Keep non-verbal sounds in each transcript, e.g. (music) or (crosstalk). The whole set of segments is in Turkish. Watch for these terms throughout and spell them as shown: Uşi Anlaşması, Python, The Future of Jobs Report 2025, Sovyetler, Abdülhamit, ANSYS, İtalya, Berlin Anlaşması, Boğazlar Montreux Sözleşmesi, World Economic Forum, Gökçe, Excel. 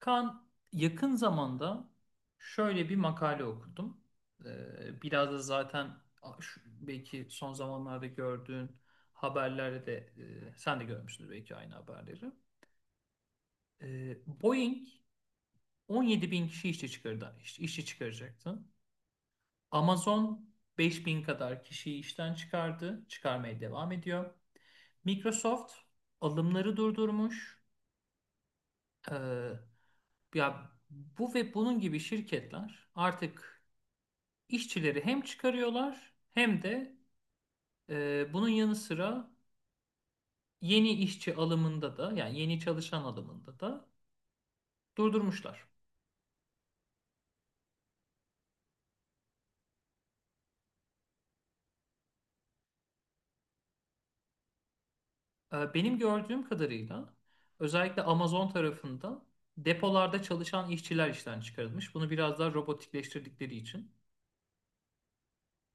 Kaan, yakın zamanda şöyle bir makale okudum. Biraz da zaten belki son zamanlarda gördüğün haberlerde de sen de görmüşsündür belki aynı haberleri. Ee, Boeing 17 bin kişi işçi çıkardı, işçi çıkaracaktı. Amazon 5 bin kadar kişiyi işten çıkardı, çıkarmaya devam ediyor. Microsoft alımları durdurmuş. Ee, ya bu ve bunun gibi şirketler artık işçileri hem çıkarıyorlar hem de bunun yanı sıra yeni işçi alımında da yani yeni çalışan alımında da durdurmuşlar. Benim gördüğüm kadarıyla özellikle Amazon tarafında depolarda çalışan işçiler işten çıkarılmış. Bunu biraz daha robotikleştirdikleri için.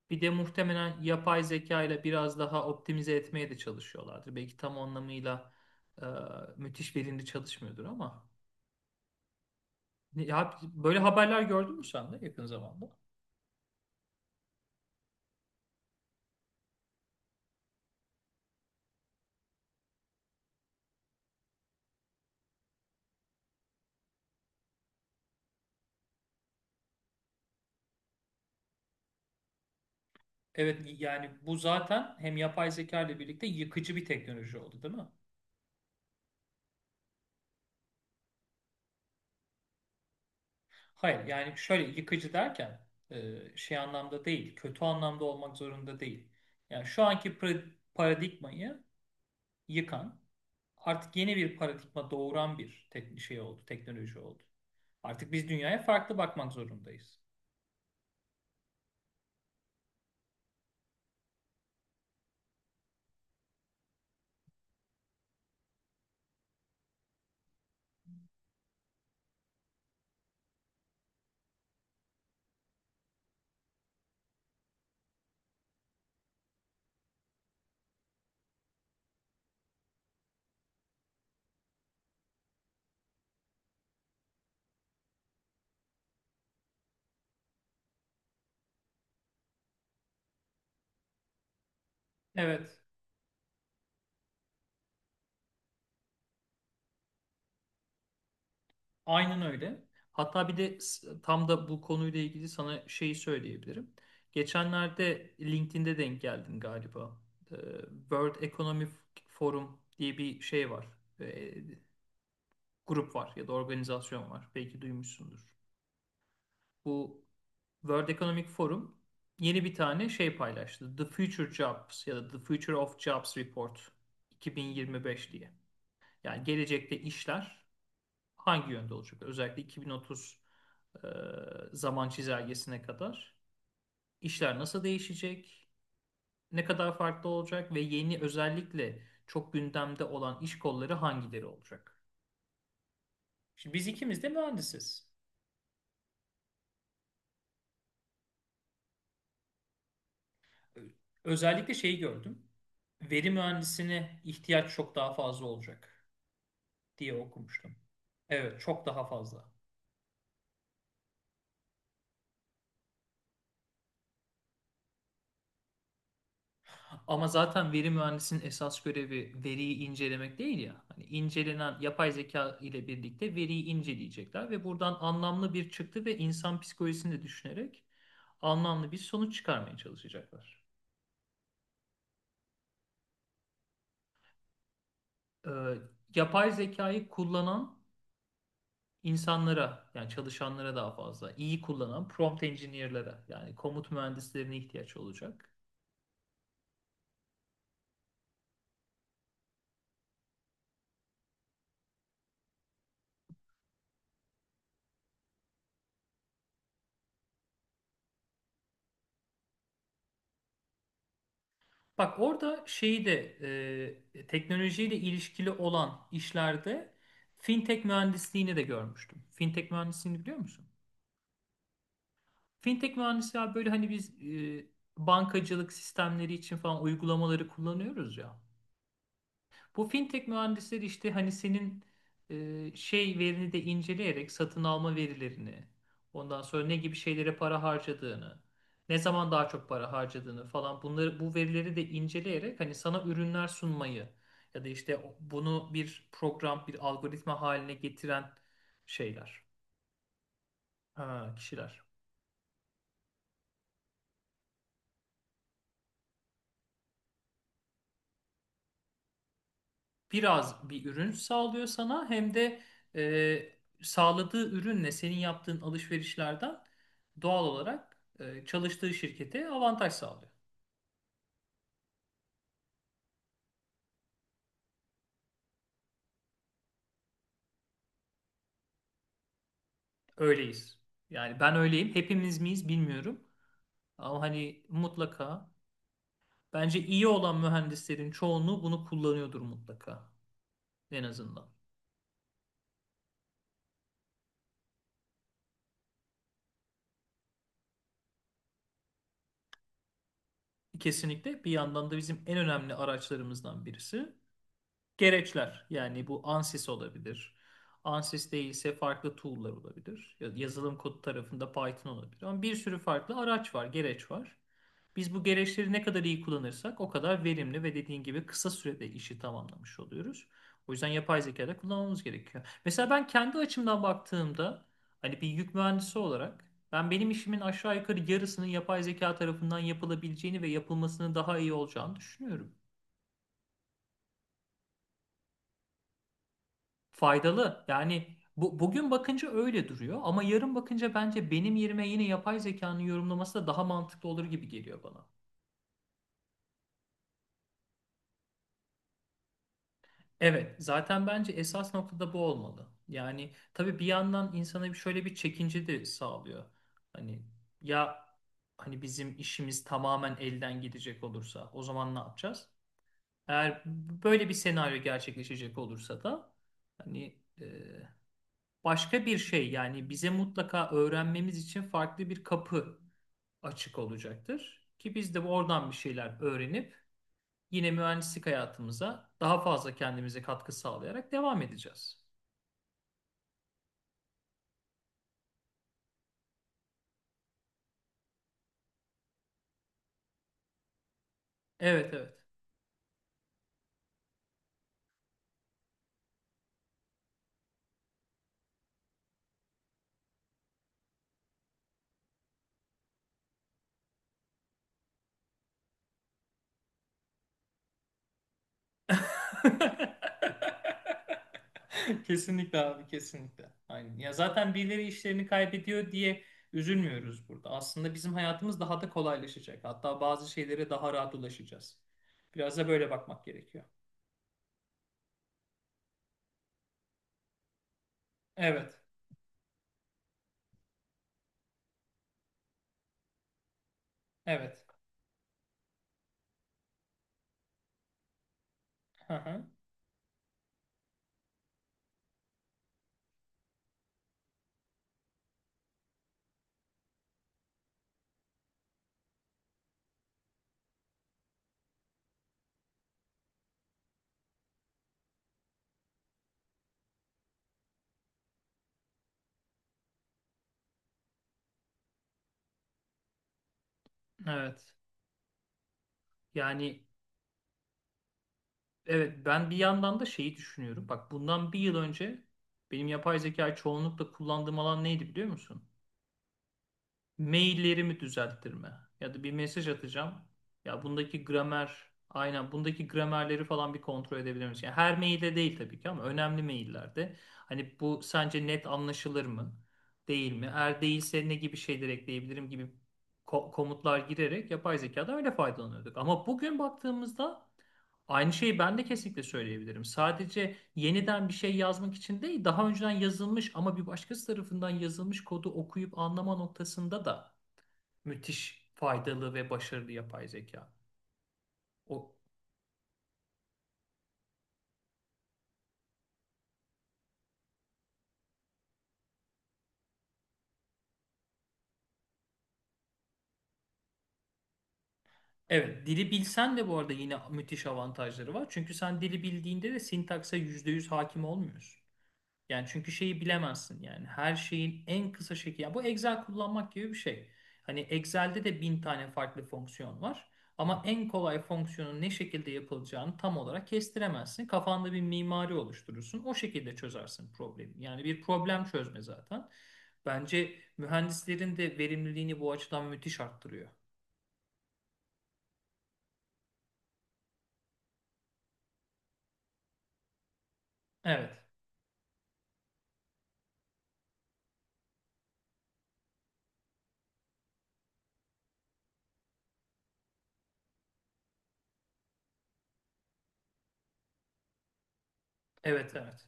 Bir de muhtemelen yapay zeka ile biraz daha optimize etmeye de çalışıyorlardır. Belki tam anlamıyla e, müthiş verimli çalışmıyordur ama. Ya, böyle haberler gördün mü sen de yakın zamanda? Evet, yani bu zaten hem yapay zeka ile birlikte yıkıcı bir teknoloji oldu, değil mi? Hayır, yani şöyle yıkıcı derken şey anlamda değil, kötü anlamda olmak zorunda değil. Yani şu anki paradigmayı yıkan, artık yeni bir paradigma doğuran bir tek şey oldu, teknoloji oldu. Artık biz dünyaya farklı bakmak zorundayız. Evet, aynen öyle. Hatta bir de tam da bu konuyla ilgili sana şeyi söyleyebilirim. Geçenlerde LinkedIn'de denk geldin galiba. Ee, World Economic Forum diye bir şey var. Ee, grup var ya da organizasyon var. Belki duymuşsundur. Bu World Economic Forum yeni bir tane şey paylaştı. The Future Jobs ya da The Future of Jobs Report 2025 diye. Yani gelecekte işler hangi yönde olacak? Özellikle 2030 e, zaman çizelgesine kadar işler nasıl değişecek? Ne kadar farklı olacak ve yeni özellikle çok gündemde olan iş kolları hangileri olacak? Şimdi biz ikimiz de mühendisiz. Özellikle şeyi gördüm. Veri mühendisine ihtiyaç çok daha fazla olacak diye okumuştum. Evet, çok daha fazla. Ama zaten veri mühendisinin esas görevi veriyi incelemek değil ya. Hani incelenen yapay zeka ile birlikte veriyi inceleyecekler ve buradan anlamlı bir çıktı ve insan psikolojisini de düşünerek anlamlı bir sonuç çıkarmaya çalışacaklar. Ee, yapay zekayı kullanan insanlara yani çalışanlara daha fazla iyi kullanan prompt engineer'lara yani komut mühendislerine ihtiyaç olacak. Bak orada şeyi de teknolojiyle ilişkili olan işlerde fintech mühendisliğini de görmüştüm. Fintech mühendisliğini biliyor musun? Fintech mühendisi ya böyle hani biz bankacılık sistemleri için falan uygulamaları kullanıyoruz ya. Bu fintech mühendisleri işte hani senin şey verini de inceleyerek satın alma verilerini, ondan sonra ne gibi şeylere para harcadığını, ne zaman daha çok para harcadığını falan bunları bu verileri de inceleyerek hani sana ürünler sunmayı ya da işte bunu bir program, bir algoritma haline getiren şeyler, ha, kişiler. Biraz bir ürün sağlıyor sana hem de e, sağladığı ürünle senin yaptığın alışverişlerden doğal olarak çalıştığı şirkete avantaj sağlıyor. Öyleyiz. Yani ben öyleyim. Hepimiz miyiz bilmiyorum. Ama hani mutlaka bence iyi olan mühendislerin çoğunluğu bunu kullanıyordur mutlaka en azından. Kesinlikle bir yandan da bizim en önemli araçlarımızdan birisi. Gereçler yani bu ANSYS olabilir. ANSYS değilse farklı tool'lar olabilir. Yazılım kodu tarafında Python olabilir. Ama bir sürü farklı araç var, gereç var. Biz bu gereçleri ne kadar iyi kullanırsak o kadar verimli ve dediğin gibi kısa sürede işi tamamlamış oluyoruz. O yüzden yapay zeka da kullanmamız gerekiyor. Mesela ben kendi açımdan baktığımda hani bir yük mühendisi olarak ben benim işimin aşağı yukarı yarısının yapay zeka tarafından yapılabileceğini ve yapılmasının daha iyi olacağını düşünüyorum. Faydalı. Yani bu, bugün bakınca öyle duruyor ama yarın bakınca bence benim yerime yine yapay zekanın yorumlaması da daha mantıklı olur gibi geliyor bana. Evet, zaten bence esas noktada bu olmalı. Yani tabii bir yandan insana bir şöyle bir çekince de sağlıyor. Hani ya hani bizim işimiz tamamen elden gidecek olursa o zaman ne yapacağız? Eğer böyle bir senaryo gerçekleşecek olursa da hani başka bir şey yani bize mutlaka öğrenmemiz için farklı bir kapı açık olacaktır. Ki biz de oradan bir şeyler öğrenip yine mühendislik hayatımıza daha fazla kendimize katkı sağlayarak devam edeceğiz. Evet, evet. (laughs) Kesinlikle abi, kesinlikle. Aynen. Ya zaten birileri işlerini kaybediyor diye üzülmüyoruz burada. Aslında bizim hayatımız daha da kolaylaşacak. Hatta bazı şeylere daha rahat ulaşacağız. Biraz da böyle bakmak gerekiyor. Evet. Evet. Hı hı. Evet. Yani evet, ben bir yandan da şeyi düşünüyorum. Bak bundan bir yıl önce benim yapay zeka çoğunlukla kullandığım alan neydi biliyor musun? Maillerimi düzelttirme ya da bir mesaj atacağım. Ya bundaki gramer, aynen bundaki gramerleri falan bir kontrol edebilir misin? Yani her mailde değil tabii ki ama önemli maillerde. Hani bu sence net anlaşılır mı? Değil mi? Eğer değilse ne gibi şeyler ekleyebilirim gibi komutlar girerek yapay zekadan öyle faydalanıyorduk. Ama bugün baktığımızda aynı şeyi ben de kesinlikle söyleyebilirim. Sadece yeniden bir şey yazmak için değil, daha önceden yazılmış ama bir başkası tarafından yazılmış kodu okuyup anlama noktasında da müthiş faydalı ve başarılı yapay zeka. O Evet, dili bilsen de bu arada yine müthiş avantajları var. Çünkü sen dili bildiğinde de sintakse %100 hakim olmuyorsun. Yani çünkü şeyi bilemezsin yani her şeyin en kısa şekli. Yani bu Excel kullanmak gibi bir şey. Hani Excel'de de bin tane farklı fonksiyon var. Ama en kolay fonksiyonun ne şekilde yapılacağını tam olarak kestiremezsin. Kafanda bir mimari oluşturursun. O şekilde çözersin problemi. Yani bir problem çözme zaten. Bence mühendislerin de verimliliğini bu açıdan müthiş arttırıyor. Evet. Evet, evet.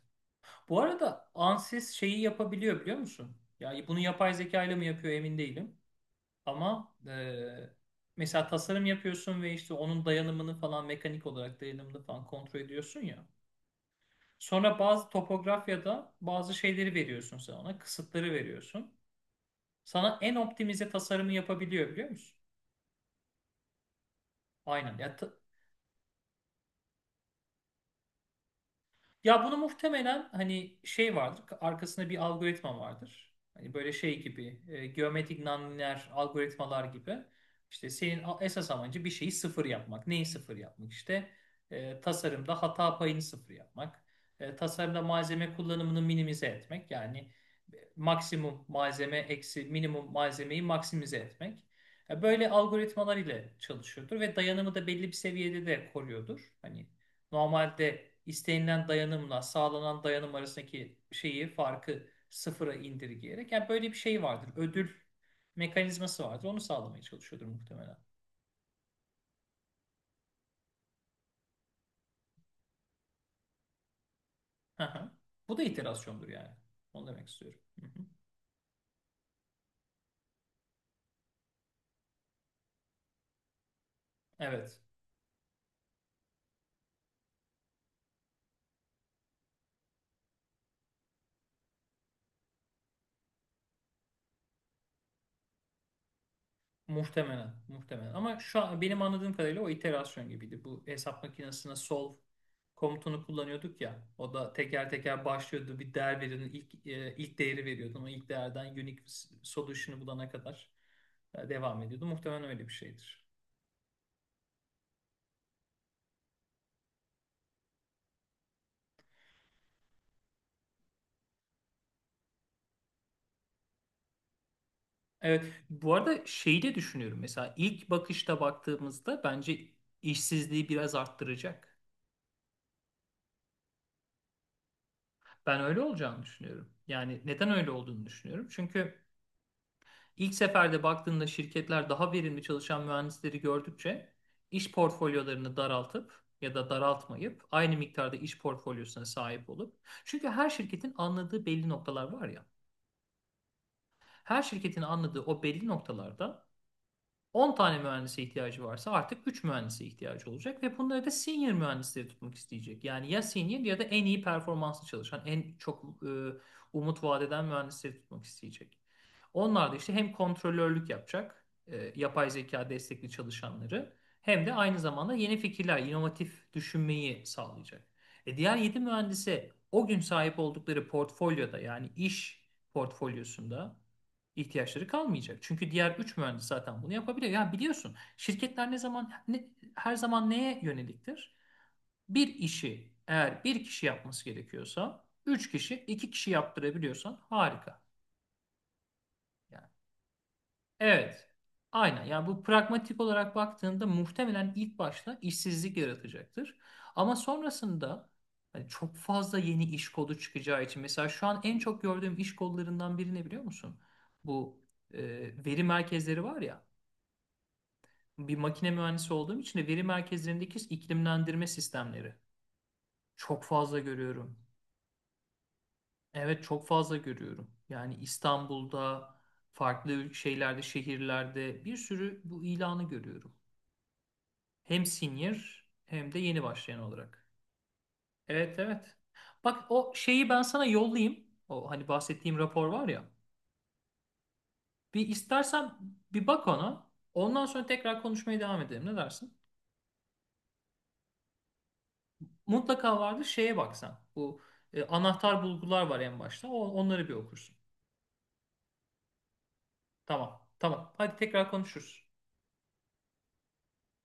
Bu arada Ansys şeyi yapabiliyor biliyor musun? Ya bunu yapay zeka ile mi yapıyor, emin değilim. Ama mesela tasarım yapıyorsun ve işte onun dayanımını falan mekanik olarak dayanımını falan kontrol ediyorsun ya. Sonra bazı topografyada bazı şeyleri veriyorsun sen ona, kısıtları veriyorsun. Sana en optimize tasarımı yapabiliyor biliyor musun? Aynen. Ya bunu muhtemelen hani şey vardır, arkasında bir algoritma vardır. Hani böyle şey gibi, geometrik nonlinear algoritmalar gibi. İşte senin esas amacı bir şeyi sıfır yapmak. Neyi sıfır yapmak? İşte tasarımda hata payını sıfır yapmak. Tasarımda malzeme kullanımını minimize etmek. Yani maksimum malzeme eksi minimum malzemeyi maksimize etmek. Böyle algoritmalar ile çalışıyordur ve dayanımı da belli bir seviyede de koruyordur. Hani normalde istenilen dayanımla sağlanan dayanım arasındaki şeyi farkı sıfıra indirgeyerek yani böyle bir şey vardır. Ödül mekanizması vardır. Onu sağlamaya çalışıyordur muhtemelen. Hı hı. Bu da iterasyondur yani. Onu demek istiyorum. Hı hı. Evet. Muhtemelen, muhtemelen. Ama şu an benim anladığım kadarıyla o iterasyon gibiydi. Bu hesap makinesine solve komutunu kullanıyorduk ya. O da teker teker başlıyordu. Bir değer veriyordun. İlk e, ilk değeri veriyordun. O ilk değerden unique solution'ı bulana kadar devam ediyordu. Muhtemelen öyle bir şeydir. Evet, bu arada şeyi de düşünüyorum. Mesela ilk bakışta baktığımızda bence işsizliği biraz arttıracak. Ben öyle olacağını düşünüyorum. Yani neden öyle olduğunu düşünüyorum. Çünkü İlk seferde baktığında şirketler daha verimli çalışan mühendisleri gördükçe iş portfolyolarını daraltıp ya da daraltmayıp aynı miktarda iş portfolyosuna sahip olup çünkü her şirketin anladığı belli noktalar var ya. Her şirketin anladığı o belli noktalarda 10 tane mühendise ihtiyacı varsa artık 3 mühendise ihtiyacı olacak ve bunları da senior mühendisleri tutmak isteyecek. Yani ya senior ya da en iyi performanslı çalışan, en çok umut vaat eden mühendisleri tutmak isteyecek. Onlar da işte hem kontrolörlük yapacak, yapay zeka destekli çalışanları hem de aynı zamanda yeni fikirler, inovatif düşünmeyi sağlayacak. Diğer 7 mühendise o gün sahip oldukları portfolyoda yani iş portfolyosunda ihtiyaçları kalmayacak. Çünkü diğer 3 mühendis zaten bunu yapabilir. Yani biliyorsun şirketler ne zaman ne, her zaman neye yöneliktir? Bir işi eğer bir kişi yapması gerekiyorsa 3 kişi 2 kişi yaptırabiliyorsan harika. Yani, evet. Aynen. Yani bu pragmatik olarak baktığında muhtemelen ilk başta işsizlik yaratacaktır. Ama sonrasında hani çok fazla yeni iş kolu çıkacağı için mesela şu an en çok gördüğüm iş kollarından biri ne biliyor musun? Bu e, veri merkezleri var ya. Bir makine mühendisi olduğum için de veri merkezlerindeki iklimlendirme sistemleri çok fazla görüyorum. Evet, çok fazla görüyorum. Yani İstanbul'da, farklı şeylerde, şehirlerde bir sürü bu ilanı görüyorum. Hem senior hem de yeni başlayan olarak. Evet, evet. Bak o şeyi ben sana yollayayım. O hani bahsettiğim rapor var ya. Bir istersen bir bak ona. Ondan sonra tekrar konuşmaya devam edelim. Ne dersin? Mutlaka vardır, şeye baksan. Bu anahtar bulgular var en başta. O, onları bir okursun. Tamam. Tamam. Hadi tekrar konuşuruz.